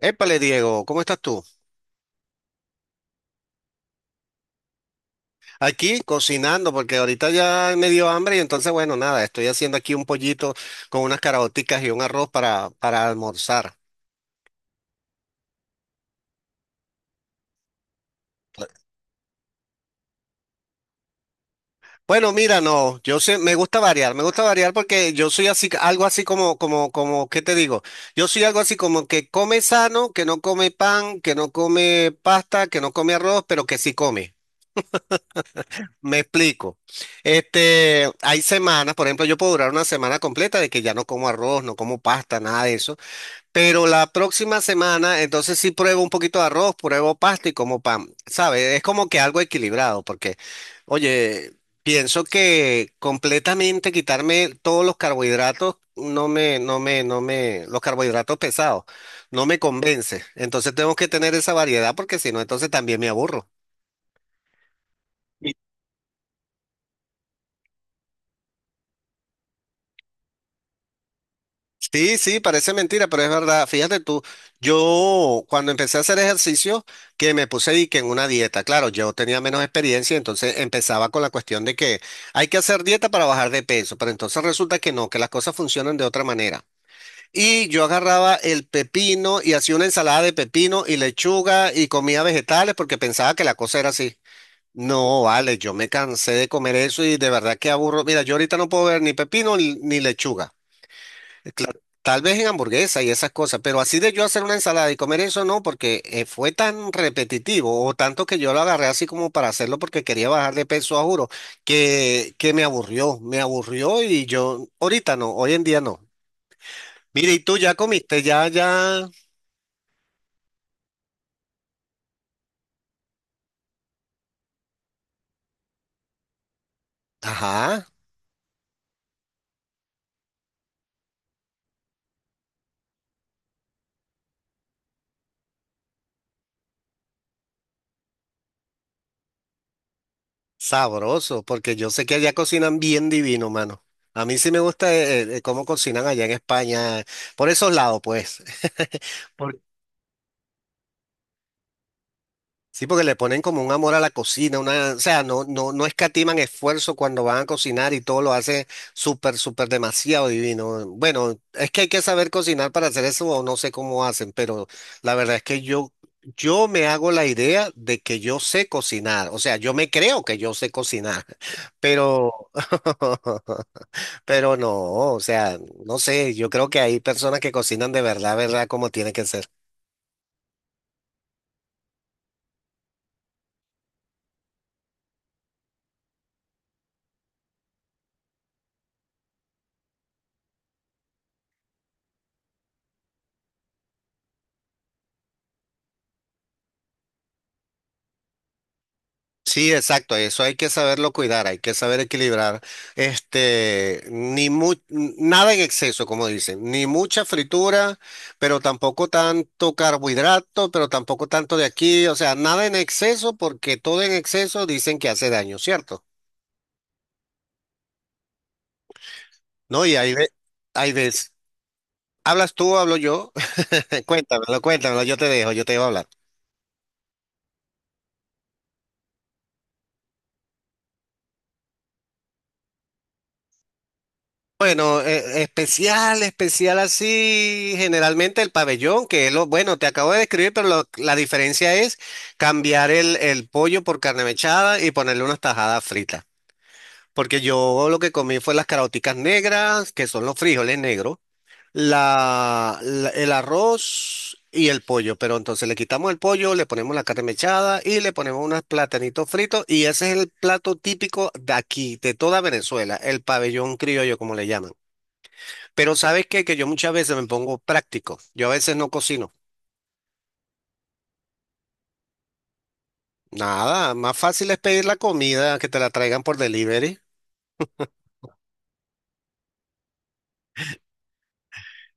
Épale, Diego, ¿cómo estás tú? Aquí cocinando porque ahorita ya me dio hambre y entonces, bueno, nada, estoy haciendo aquí un pollito con unas caraoticas y un arroz para almorzar. Bueno, mira, no, yo sé, me gusta variar porque yo soy así, algo así como, ¿qué te digo? Yo soy algo así como que come sano, que no come pan, que no come pasta, que no come arroz, pero que sí come. Me explico. Este, hay semanas, por ejemplo, yo puedo durar una semana completa de que ya no como arroz, no como pasta, nada de eso. Pero la próxima semana, entonces sí pruebo un poquito de arroz, pruebo pasta y como pan, ¿sabes? Es como que algo equilibrado, porque, oye, pienso que completamente quitarme todos los carbohidratos, no me, los carbohidratos pesados, no me convence. Entonces tengo que tener esa variedad, porque si no, entonces también me aburro. Sí, sí, parece mentira, pero es verdad. Fíjate tú, yo cuando empecé a hacer ejercicio, que me puse y que en una dieta, claro, yo tenía menos experiencia, entonces empezaba con la cuestión de que hay que hacer dieta para bajar de peso, pero entonces resulta que no, que las cosas funcionan de otra manera. Y yo agarraba el pepino y hacía una ensalada de pepino y lechuga y comía vegetales porque pensaba que la cosa era así. No, vale, yo me cansé de comer eso y de verdad que aburro. Mira, yo ahorita no puedo ver ni pepino ni lechuga. Claro, tal vez en hamburguesa y esas cosas, pero así de yo hacer una ensalada y comer eso no, porque fue tan repetitivo o tanto que yo lo agarré así como para hacerlo porque quería bajar de peso, a juro, que me aburrió y yo ahorita no, hoy en día no. Mire, y tú ya comiste, ya, ajá, sabroso, porque yo sé que allá cocinan bien divino, mano. A mí sí me gusta cómo cocinan allá en España, por esos lados, pues. Porque sí, porque le ponen como un amor a la cocina, una, o sea, no escatiman esfuerzo cuando van a cocinar y todo lo hace súper demasiado divino. Bueno, es que hay que saber cocinar para hacer eso o no sé cómo hacen, pero la verdad es que yo me hago la idea de que yo sé cocinar, o sea, yo me creo que yo sé cocinar, pero, pero no, o sea, no sé, yo creo que hay personas que cocinan de verdad, verdad, como tiene que ser. Sí, exacto, eso hay que saberlo cuidar, hay que saber equilibrar, este, ni mu- n- nada en exceso, como dicen, ni mucha fritura, pero tampoco tanto carbohidrato, pero tampoco tanto de aquí, o sea, nada en exceso, porque todo en exceso dicen que hace daño, ¿cierto? No, y hay veces, hablas tú, o hablo yo. Cuéntamelo, cuéntamelo, yo te dejo hablar. Bueno, especial, especial así, generalmente el pabellón, que es lo, bueno, te acabo de describir, pero la diferencia es cambiar el pollo por carne mechada y ponerle unas tajadas fritas. Porque yo lo que comí fue las caraoticas negras, que son los frijoles negros, el arroz y el pollo. Pero entonces le quitamos el pollo, le ponemos la carne mechada y le ponemos unos platanitos fritos. Y ese es el plato típico de aquí, de toda Venezuela, el pabellón criollo, como le llaman. Pero ¿sabes qué? Que yo muchas veces me pongo práctico. Yo a veces no cocino. Nada, más fácil es pedir la comida que te la traigan por delivery.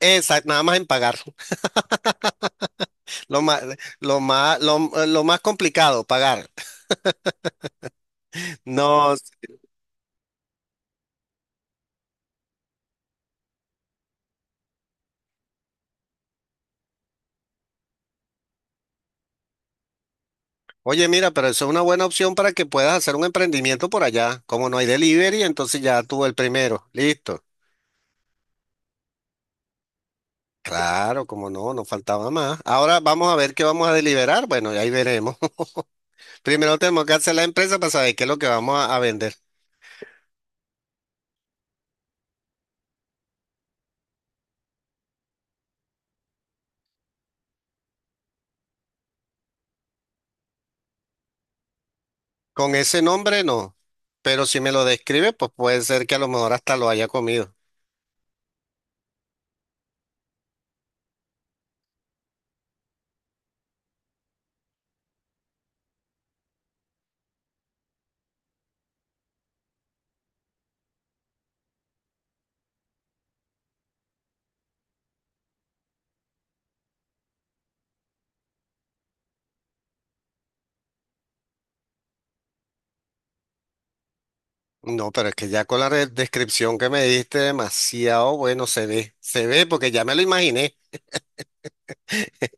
Exacto, nada más en pagar. Lo más, lo más complicado, pagar. No, oye, mira, pero eso es una buena opción para que puedas hacer un emprendimiento por allá. Como no hay delivery, entonces ya tú el primero. Listo. Claro, como no, no faltaba más. Ahora vamos a ver qué vamos a deliberar. Bueno, y ahí veremos. Primero tenemos que hacer la empresa para saber qué es lo que vamos a vender. Con ese nombre no, pero si me lo describe, pues puede ser que a lo mejor hasta lo haya comido. No, pero es que ya con la descripción que me diste, demasiado bueno se ve porque ya me lo imaginé.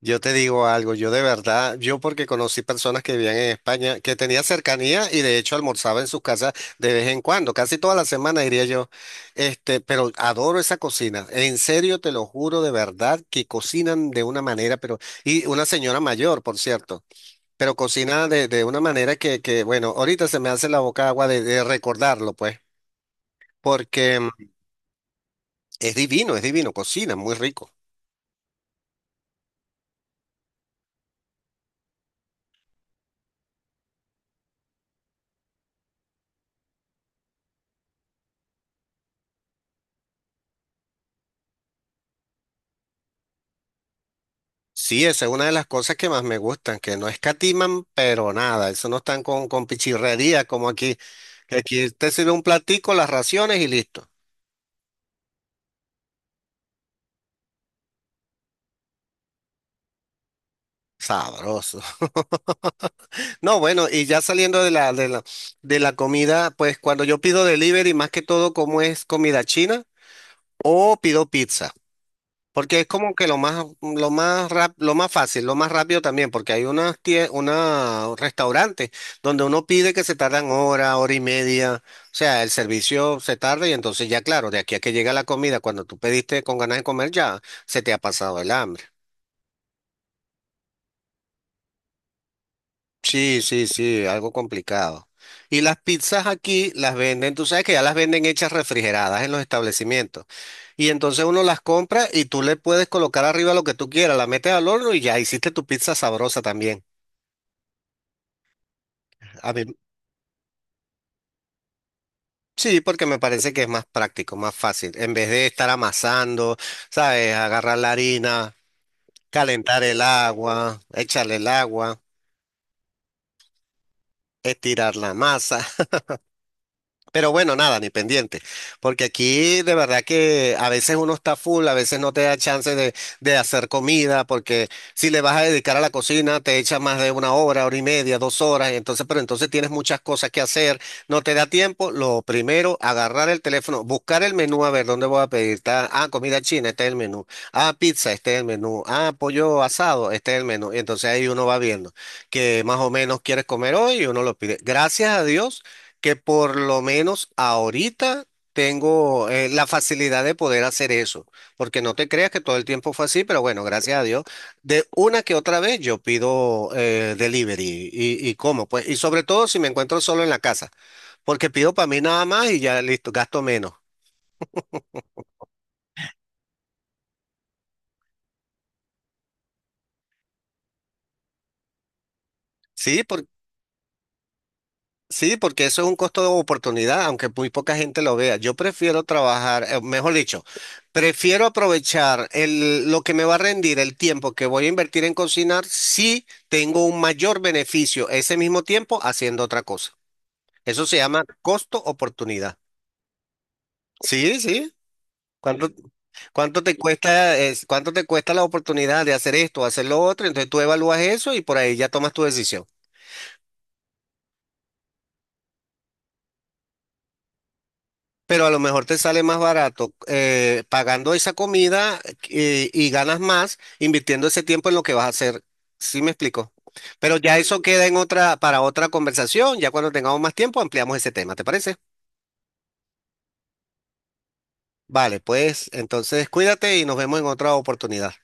Yo te digo algo, yo de verdad, yo porque conocí personas que vivían en España, que tenía cercanía y de hecho almorzaba en sus casas de vez en cuando, casi toda la semana diría yo, este, pero adoro esa cocina, en serio te lo juro de verdad que cocinan de una manera, pero, y una señora mayor, por cierto. Pero cocina de una manera bueno, ahorita se me hace la boca agua de recordarlo, pues, porque es divino, cocina muy rico. Sí, esa es una de las cosas que más me gustan, que no escatiman, pero nada, eso no están con pichirrería como aquí, que aquí te sirve un platico, las raciones y listo. Sabroso. No, bueno, y ya saliendo de de la comida, pues cuando yo pido delivery, más que todo como es comida china o pido pizza. Porque es como que lo más, lo más fácil, lo más rápido también, porque hay unas tie- una restaurantes donde uno pide que se tardan hora, hora y media, o sea, el servicio se tarda y entonces ya claro, de aquí a que llega la comida, cuando tú pediste con ganas de comer ya se te ha pasado el hambre. Sí, sí, sí, algo complicado. Y las pizzas aquí las venden, tú sabes que ya las venden hechas refrigeradas en los establecimientos. Y entonces uno las compra y tú le puedes colocar arriba lo que tú quieras, la metes al horno y ya hiciste tu pizza sabrosa también. A mí, sí, porque me parece que es más práctico, más fácil. En vez de estar amasando, ¿sabes? Agarrar la harina, calentar el agua, echarle el agua, estirar la masa. Pero bueno, nada, ni pendiente, porque aquí de verdad que a veces uno está full, a veces no te da chance de hacer comida, porque si le vas a dedicar a la cocina, te echa más de una hora, hora y media, dos horas, y entonces, pero entonces tienes muchas cosas que hacer, no te da tiempo. Lo primero, agarrar el teléfono, buscar el menú, a ver dónde voy a pedir. Ah, comida china, este es el menú. Ah, pizza, este es el menú. Ah, pollo asado, este es el menú. Y entonces ahí uno va viendo que más o menos quieres comer hoy y uno lo pide. Gracias a Dios que por lo menos ahorita tengo la facilidad de poder hacer eso, porque no te creas que todo el tiempo fue así, pero bueno, gracias a Dios, de una que otra vez yo pido delivery y como, pues, y sobre todo si me encuentro solo en la casa, porque pido para mí nada más y ya listo, gasto menos. Sí, sí, porque eso es un costo de oportunidad, aunque muy poca gente lo vea. Yo prefiero trabajar, mejor dicho, prefiero aprovechar lo que me va a rendir el tiempo que voy a invertir en cocinar si tengo un mayor beneficio ese mismo tiempo haciendo otra cosa. Eso se llama costo oportunidad. Sí, sí. ¿Cuánto, cuánto te cuesta, cuánto te cuesta la oportunidad de hacer esto, hacer lo otro? Entonces tú evalúas eso y por ahí ya tomas tu decisión. Pero a lo mejor te sale más barato pagando esa comida y ganas más invirtiendo ese tiempo en lo que vas a hacer. ¿Sí me explico? Pero ya eso queda en otra, para otra conversación. Ya cuando tengamos más tiempo ampliamos ese tema, ¿te parece? Vale, pues entonces cuídate y nos vemos en otra oportunidad.